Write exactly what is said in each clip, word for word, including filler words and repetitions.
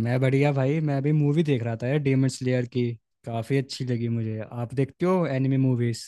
मैं बढ़िया भाई। मैं भी मूवी देख रहा था यार डेमन स्लेयर की। काफ़ी अच्छी लगी मुझे। आप देखते हो एनिमे मूवीज?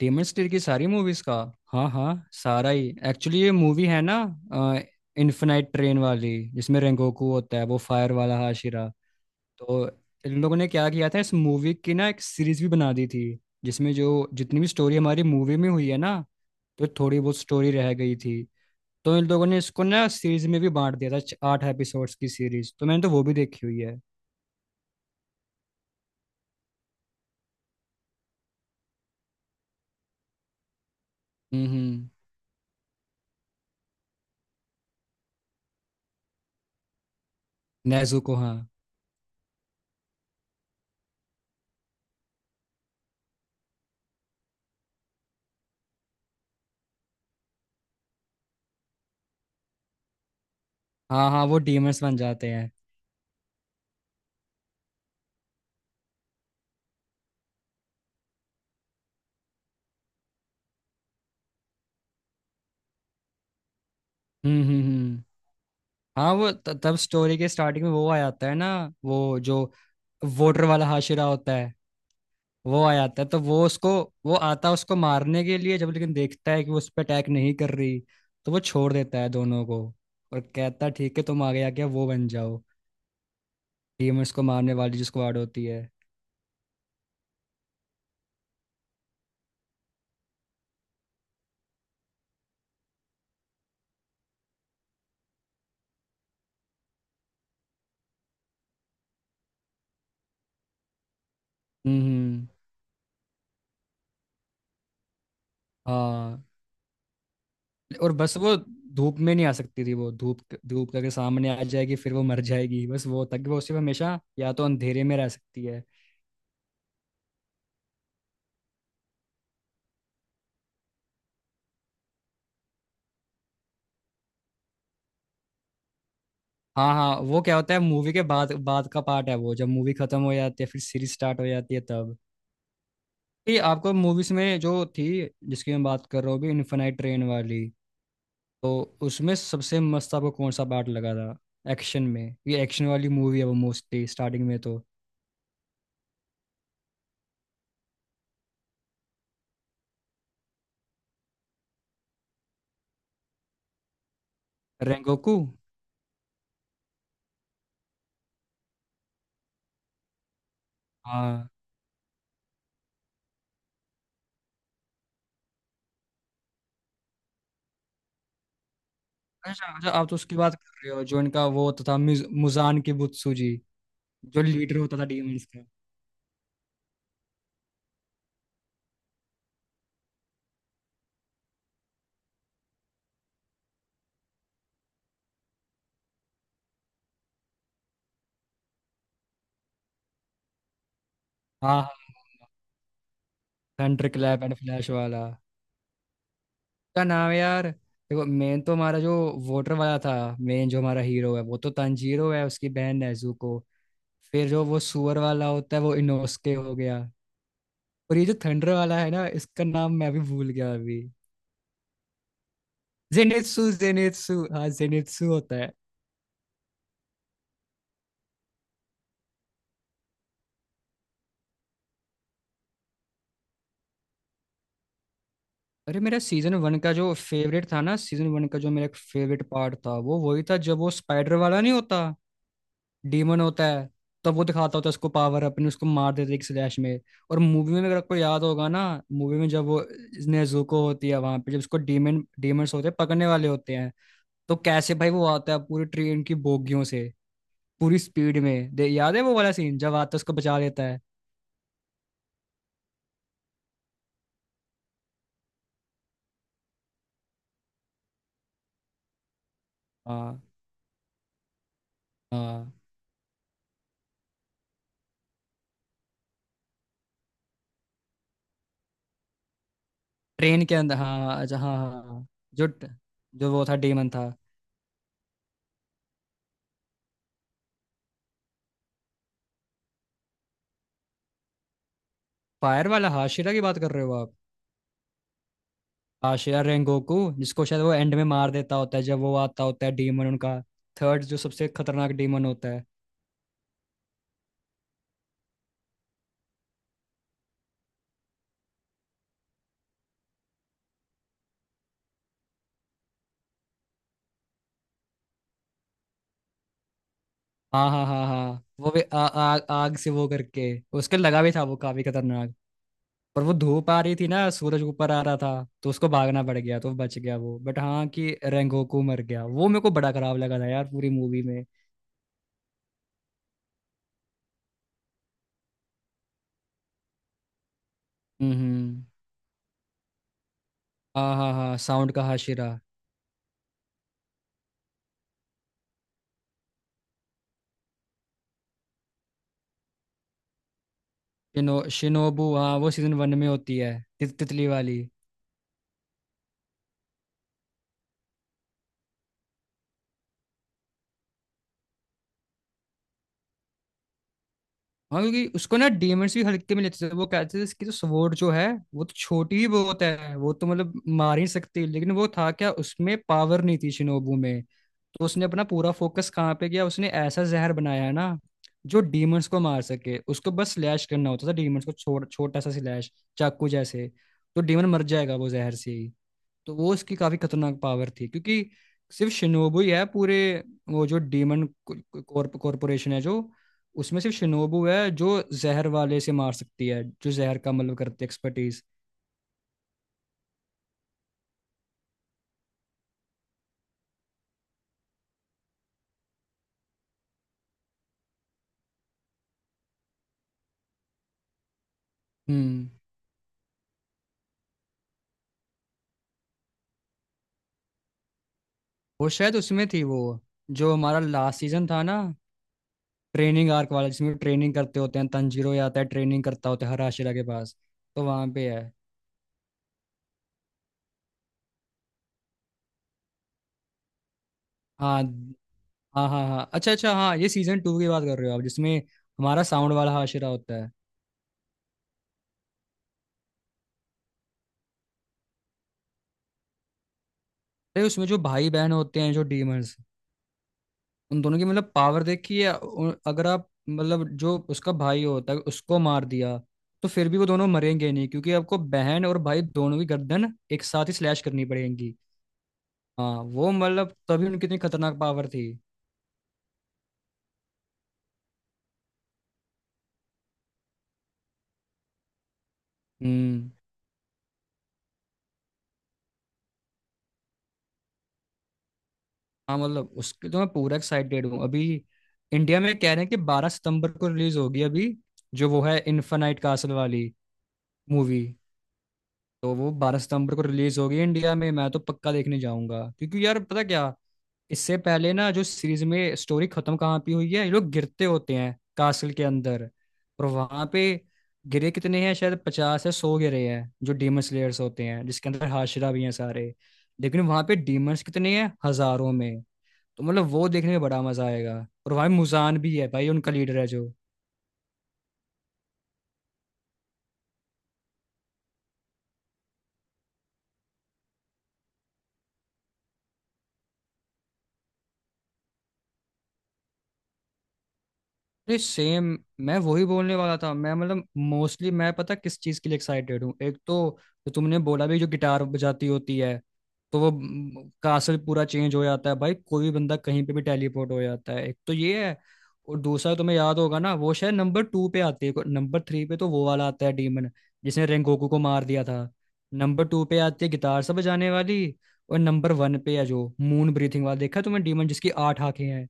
डेमन स्लेयर की सारी मूवीज का? हाँ हाँ, सारा ही। एक्चुअली ये मूवी है ना, इन्फिनाइट ट्रेन वाली, जिसमें रेंगोकू होता है, वो फायर वाला हाशिरा। तो इन लोगों ने क्या किया था, इस मूवी की ना एक सीरीज भी बना दी थी, जिसमें जो जितनी भी स्टोरी हमारी मूवी में हुई है ना, तो थोड़ी बहुत स्टोरी रह गई थी। तो इन लोगों ने इसको ना सीरीज में भी बांट दिया था, छ- आठ एपिसोड्स की सीरीज। तो मैंने तो वो भी देखी हुई है। हम्म हम्म। नेजुको, हाँ। हाँ हाँ, वो डीमंस बन जाते हैं। हम्म हम्म हम्म। हाँ, वो त, तब स्टोरी के स्टार्टिंग में वो आ जाता है ना, वो जो वोटर वाला हाशिरा होता है, वो आ जाता है, तो वो उसको, वो आता है उसको मारने के लिए, जब लेकिन देखता है कि वो उस पर अटैक नहीं कर रही, तो वो छोड़ देता है दोनों को, और कहता है ठीक है तुम आगे आके वो बन जाओ, डीमंस को मारने वाली, जिसको आड़ होती है। हम्म हम्म, हाँ। और बस वो धूप में नहीं आ सकती थी, वो धूप, धूप करके सामने आ जाएगी फिर वो मर जाएगी, बस वो तक वो सिर्फ हमेशा या तो अंधेरे में रह सकती है। हाँ हाँ, वो क्या होता है, मूवी के बाद बाद का पार्ट है वो, जब मूवी खत्म हो जाती है फिर सीरीज स्टार्ट हो जाती है तब। ये आपको मूवीज में जो थी, जिसकी मैं बात कर रहा हूँ अभी, इन्फेनाइट ट्रेन वाली, तो उसमें सबसे मस्त आपको कौन सा पार्ट लगा था एक्शन में? ये एक्शन वाली मूवी है वो, मोस्टली स्टार्टिंग में तो। रेंगोकू। हाँ अच्छा अच्छा, आप तो उसकी बात कर रहे हो जो इनका वो होता था मिज- मुजान की बुत्सुजी, जो लीडर होता था डीमंस का। हाँ हाँ। थंडर क्लैप एंड फ्लैश वाला? क्या नाम है यार, देखो मेन तो हमारा जो वोटर वाला था, मेन जो हमारा हीरो है वो तो तांजीरो है, उसकी बहन नेजुको, फिर जो वो सुअर वाला होता है वो इनोसके हो गया, और ये जो थंडर वाला है ना, इसका नाम मैं भी भूल गया अभी। जेनित्सु जेनित्सु, हाँ जेनित्सु होता है। अरे, मेरा सीजन वन का जो फेवरेट था ना, सीजन वन का जो मेरा एक फेवरेट पार्ट था, वो वही था जब वो स्पाइडर वाला नहीं होता, डीमन होता है, तब वो दिखाता होता है उसको पावर अपने, उसको मार देते एक स्लैश में। और मूवी में अगर आपको याद होगा ना, मूवी में जब वो नेजुको होती है वहां पे, जब उसको डीमन डीमंस होते हैं पकड़ने वाले होते हैं, तो कैसे भाई वो आता है पूरी ट्रेन की बोगियों से, पूरी स्पीड में दे, याद है वो वाला सीन जब आता है उसको बचा लेता है? हाँ हाँ, ट्रेन के अंदर, हाँ अच्छा हाँ हाँ हाँ। जो जो वो था, डीमन था। फायर वाला हाशिरा की बात कर रहे हो आप? हाशिरा रेंगोकू, जिसको शायद वो एंड में मार देता होता है, जब वो आता होता है डीमन उनका, थर्ड जो सबसे खतरनाक डीमन होता है। हाँ हाँ हाँ हाँ, वो भी आ, आ, आग से वो करके उसके लगा भी था, वो काफी खतरनाक। पर वो धूप आ रही थी ना, सूरज ऊपर आ रहा था, तो उसको भागना पड़ गया तो बच गया वो। बट हाँ कि रेंगोकू मर गया, वो मेरे को बड़ा खराब लगा था यार पूरी मूवी में। हम्म हम्म। हाँ हाँ हाँ, साउंड का हाशिरा। शिनो शिनोबू, हाँ वो सीजन वन में होती है, ति, तितली वाली। हाँ, क्योंकि उसको ना डीमंड्स भी हल्के में लेते थे, वो कहते थे इसकी तो स्वॉर्ड जो है वो तो छोटी ही बहुत है, वो तो मतलब मार ही नहीं सकती है। लेकिन वो था क्या, उसमें पावर नहीं थी शिनोबू में, तो उसने अपना पूरा फोकस कहाँ पे किया, उसने ऐसा जहर बनाया है ना जो डीमंड्स को मार सके। उसको बस स्लैश करना होता था डीमंड्स को, छोटा छोटा सा स्लैश, चाकू जैसे, तो डीमन मर जाएगा वो जहर से ही। तो वो इसकी काफी खतरनाक पावर थी, क्योंकि सिर्फ शिनोबू ही है पूरे वो जो डीमन कॉरपोरेशन है जो, उसमें सिर्फ शिनोबू है जो जहर वाले से मार सकती है, जो जहर का मतलब करती है एक्सपर्टीज। हम्म। वो शायद उसमें थी, वो जो हमारा लास्ट सीजन था ना, ट्रेनिंग आर्क वाला, जिसमें ट्रेनिंग करते होते हैं, तंजीरो ही आता है ट्रेनिंग करता होता है हराशिरा के पास, तो वहां पे है। हाँ हाँ हाँ हाँ, अच्छा अच्छा हाँ, ये सीजन टू की बात कर रहे हो आप, जिसमें हमारा साउंड वाला हाशिरा होता है। भाई उसमें जो भाई बहन होते हैं जो डीमंस, उन दोनों की मतलब पावर देखी है, उ- अगर आप मतलब जो उसका भाई होता है उसको मार दिया तो फिर भी वो दोनों मरेंगे नहीं, क्योंकि आपको बहन और भाई दोनों की गर्दन एक साथ ही स्लैश करनी पड़ेगी। हाँ, वो मतलब तभी उनकी इतनी खतरनाक पावर थी। हम्म। हाँ, मतलब उसके तो मैं पूरा एक्साइटेड हूँ अभी। इंडिया में कह रहे हैं कि बारह सितंबर को रिलीज होगी अभी, जो वो है इन्फेनाइट कासल वाली मूवी। तो वो बारह सितंबर को रिलीज होगी इंडिया में, मैं तो पक्का देखने जाऊंगा, क्योंकि यार पता क्या, इससे पहले ना जो सीरीज में स्टोरी खत्म कहाँ पे हुई है, ये लोग गिरते होते हैं कासल के अंदर, और वहां पे गिरे कितने हैं, शायद पचास या सौ गिरे हैं जो डीमन स्लेयर्स होते हैं, जिसके अंदर हाशरा भी हैं सारे। लेकिन वहां पे डीमंस कितने हैं, हजारों में। तो मतलब वो देखने में बड़ा मजा आएगा, और वहां मुजान भी है भाई, उनका लीडर है जो। अरे सेम, मैं वही बोलने वाला था। मैं मतलब मोस्टली मैं पता किस चीज के लिए एक्साइटेड हूँ, एक तो जो तुमने बोला भी जो गिटार बजाती होती है, तो वो कासल पूरा चेंज हो जाता है भाई, कोई भी बंदा कहीं पे भी टेलीपोर्ट हो जाता है, एक तो ये है। और दूसरा तुम्हें याद होगा ना, वो शायद नंबर टू पे आती है, नंबर थ्री पे तो वो वाला आता है डीमन, जिसने रेंगोकू को मार दिया था, नंबर टू पे आती है गिटार से बजाने वाली, और नंबर वन पे है जो मून ब्रीथिंग वाला, देखा तुमने डीमन, जिसकी आठ आंखें हैं।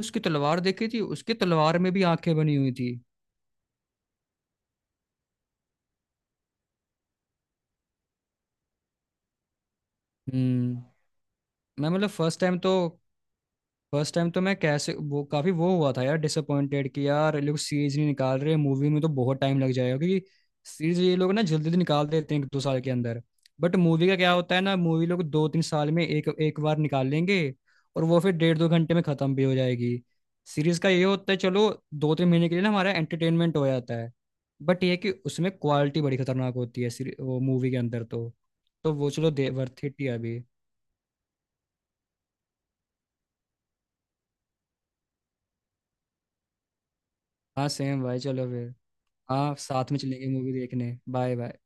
उसकी तलवार देखी थी, उसकी तलवार में भी आंखें बनी हुई थी। हम्म। मैं मतलब फर्स्ट टाइम तो फर्स्ट टाइम तो मैं कैसे वो काफी वो हुआ था यार, डिसअपॉइंटेड कि यार ये लोग सीरीज नहीं निकाल रहे, मूवी में तो बहुत टाइम लग जाएगा, क्योंकि सीरीज ये लोग ना जल्दी जल्दी निकाल देते हैं एक दो साल के अंदर, बट मूवी का क्या होता है ना, मूवी लोग दो तीन साल में एक एक बार निकाल लेंगे, और वो फिर डेढ़ दो घंटे में खत्म भी हो जाएगी। सीरीज का ये होता है चलो दो तीन महीने के लिए ना हमारा एंटरटेनमेंट हो जाता है, बट ये है कि उसमें क्वालिटी बड़ी खतरनाक होती है, सीरी- वो मूवी के अंदर तो तो वो चलो दे वर्थ इट ही है अभी। हाँ सेम भाई चलो फिर। हाँ, साथ में चलेंगे मूवी देखने, बाय बाय।